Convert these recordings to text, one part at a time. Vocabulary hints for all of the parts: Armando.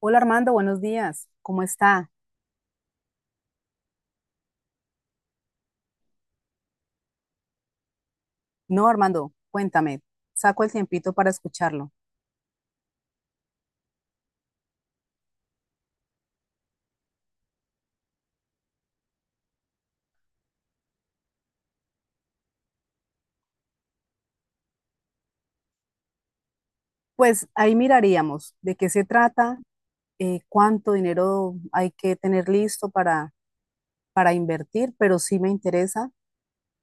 Hola Armando, buenos días. ¿Cómo está? No, Armando, cuéntame. Saco el tiempito para escucharlo. Pues ahí miraríamos de qué se trata, cuánto dinero hay que tener listo para invertir, pero sí me interesa.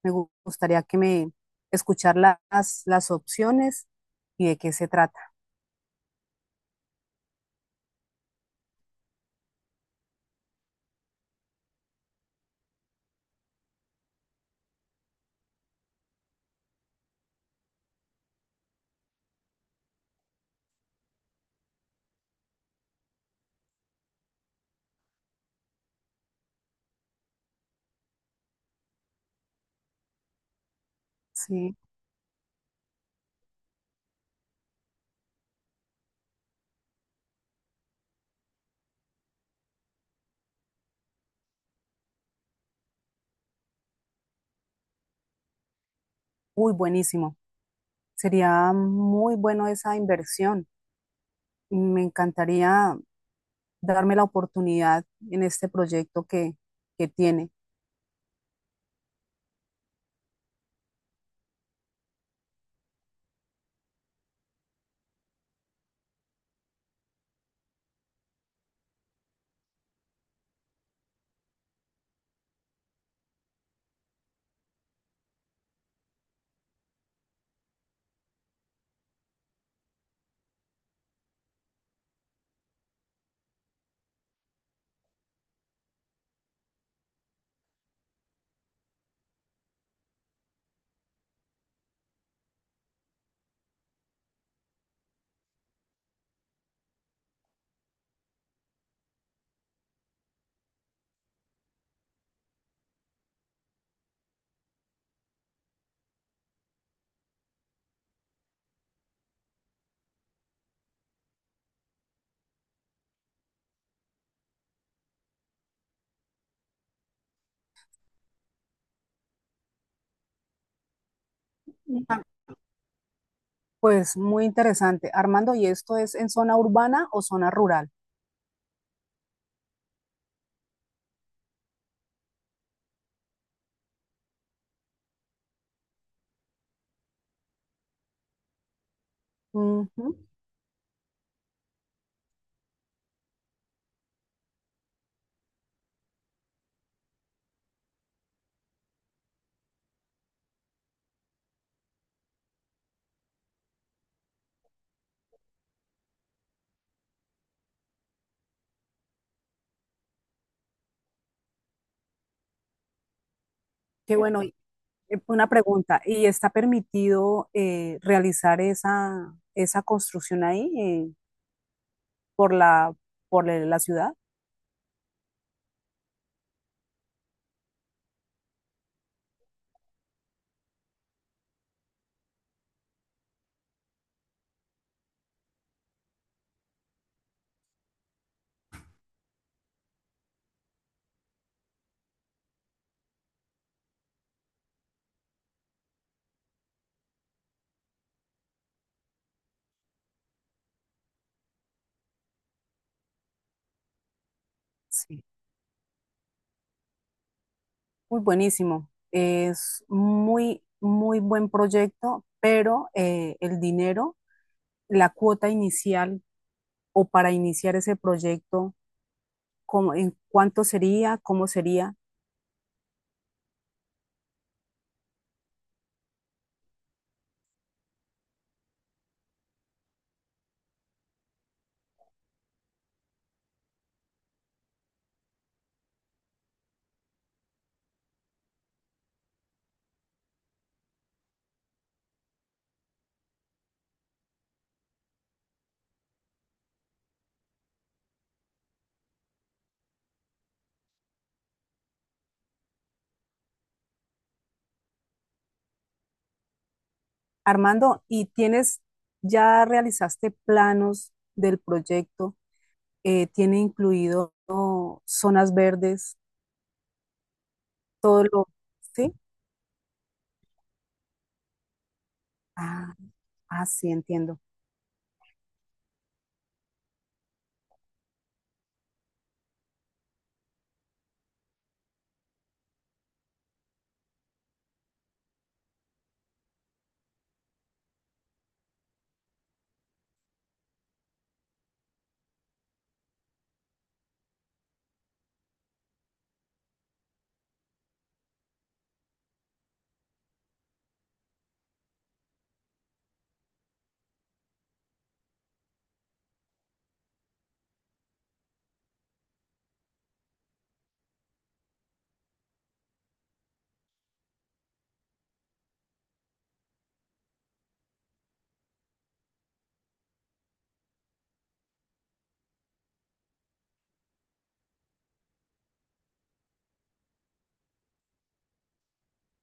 Gustaría que me escuchar las opciones y de qué se trata. Sí, uy, buenísimo. Sería muy bueno esa inversión. Me encantaría darme la oportunidad en este que tiene. Pues muy interesante. Armando, ¿y esto es en zona urbana o zona rural? Ujú. Qué bueno. Una pregunta, ¿y está permitido realizar esa construcción ahí por por la ciudad? Sí. Muy buenísimo. Es muy, muy buen proyecto, pero el dinero, la cuota inicial o para iniciar ese proyecto, ¿en cuánto sería? ¿Cómo sería? Armando, ¿ya realizaste planos del proyecto? ¿Tiene incluido oh, zonas verdes? Todo lo... ¿Sí? Ah, ah, sí, entiendo.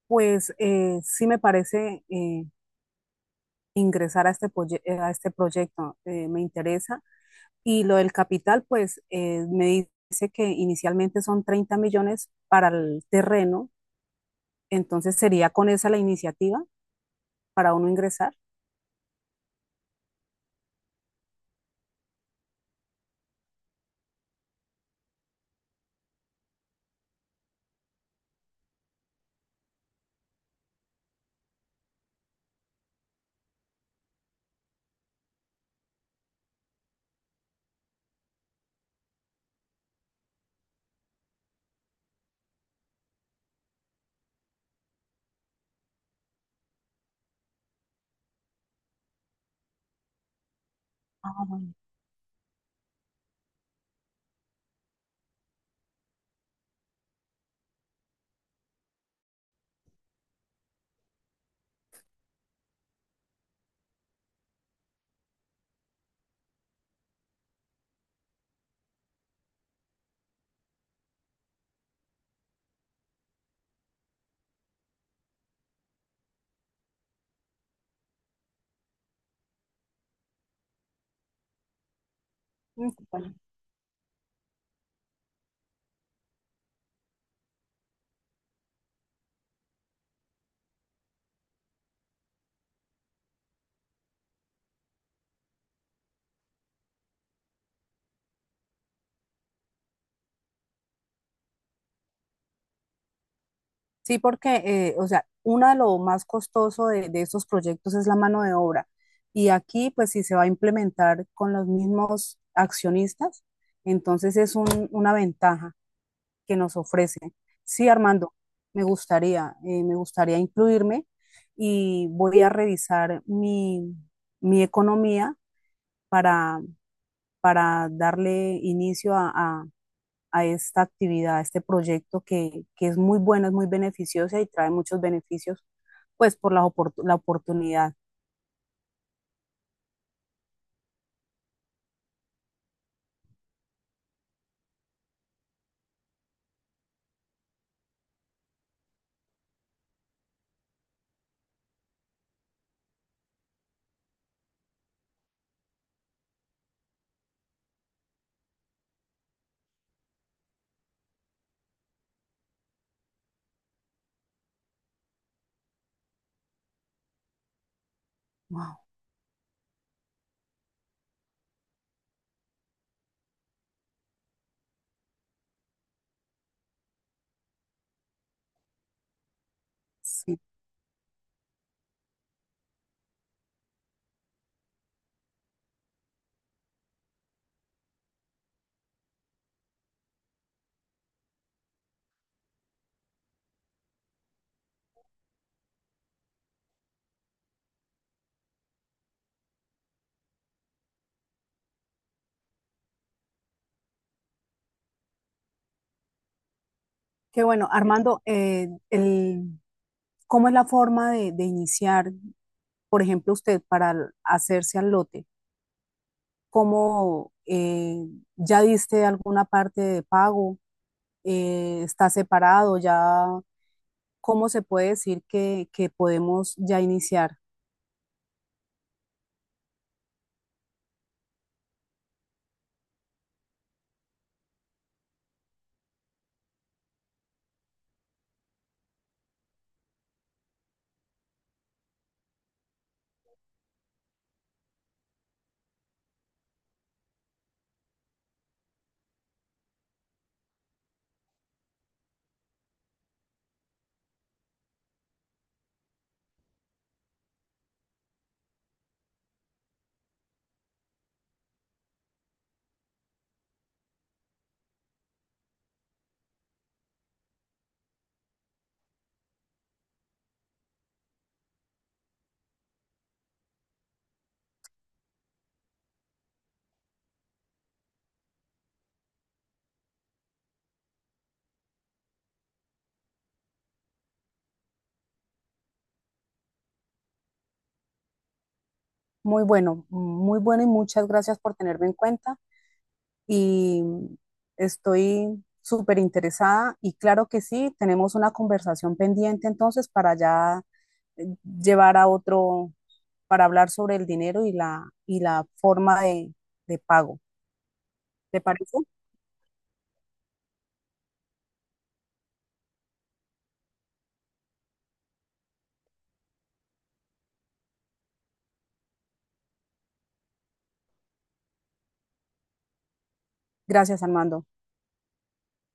Pues sí me parece ingresar a a este proyecto, me interesa. Y lo del capital, pues me dice que inicialmente son 30 millones para el terreno, entonces sería con esa la iniciativa para uno ingresar. Mm. Sí, porque, o sea, uno de lo más costoso de estos proyectos es la mano de obra. Y aquí, pues, si se va a implementar con los mismos accionistas, entonces es una ventaja que nos ofrece. Sí, Armando, me gustaría incluirme y voy a revisar mi economía para, para darle inicio a esta actividad, a este que es muy bueno, es muy beneficiosa y trae muchos beneficios, pues por la oportunidad. Wow, sí. Qué bueno, Armando, ¿cómo es la forma de iniciar, por ejemplo, usted para hacerse al lote? ¿Cómo ya diste alguna parte de pago? ¿Está separado ya? ¿Cómo se puede decir que podemos ya iniciar? Muy bueno, muy bueno y muchas gracias por tenerme en cuenta. Y estoy súper interesada y claro que sí, tenemos una conversación pendiente entonces para ya eh, llevar a otro, para hablar sobre el dinero y y la forma de pago. ¿Te parece? Gracias, Armando.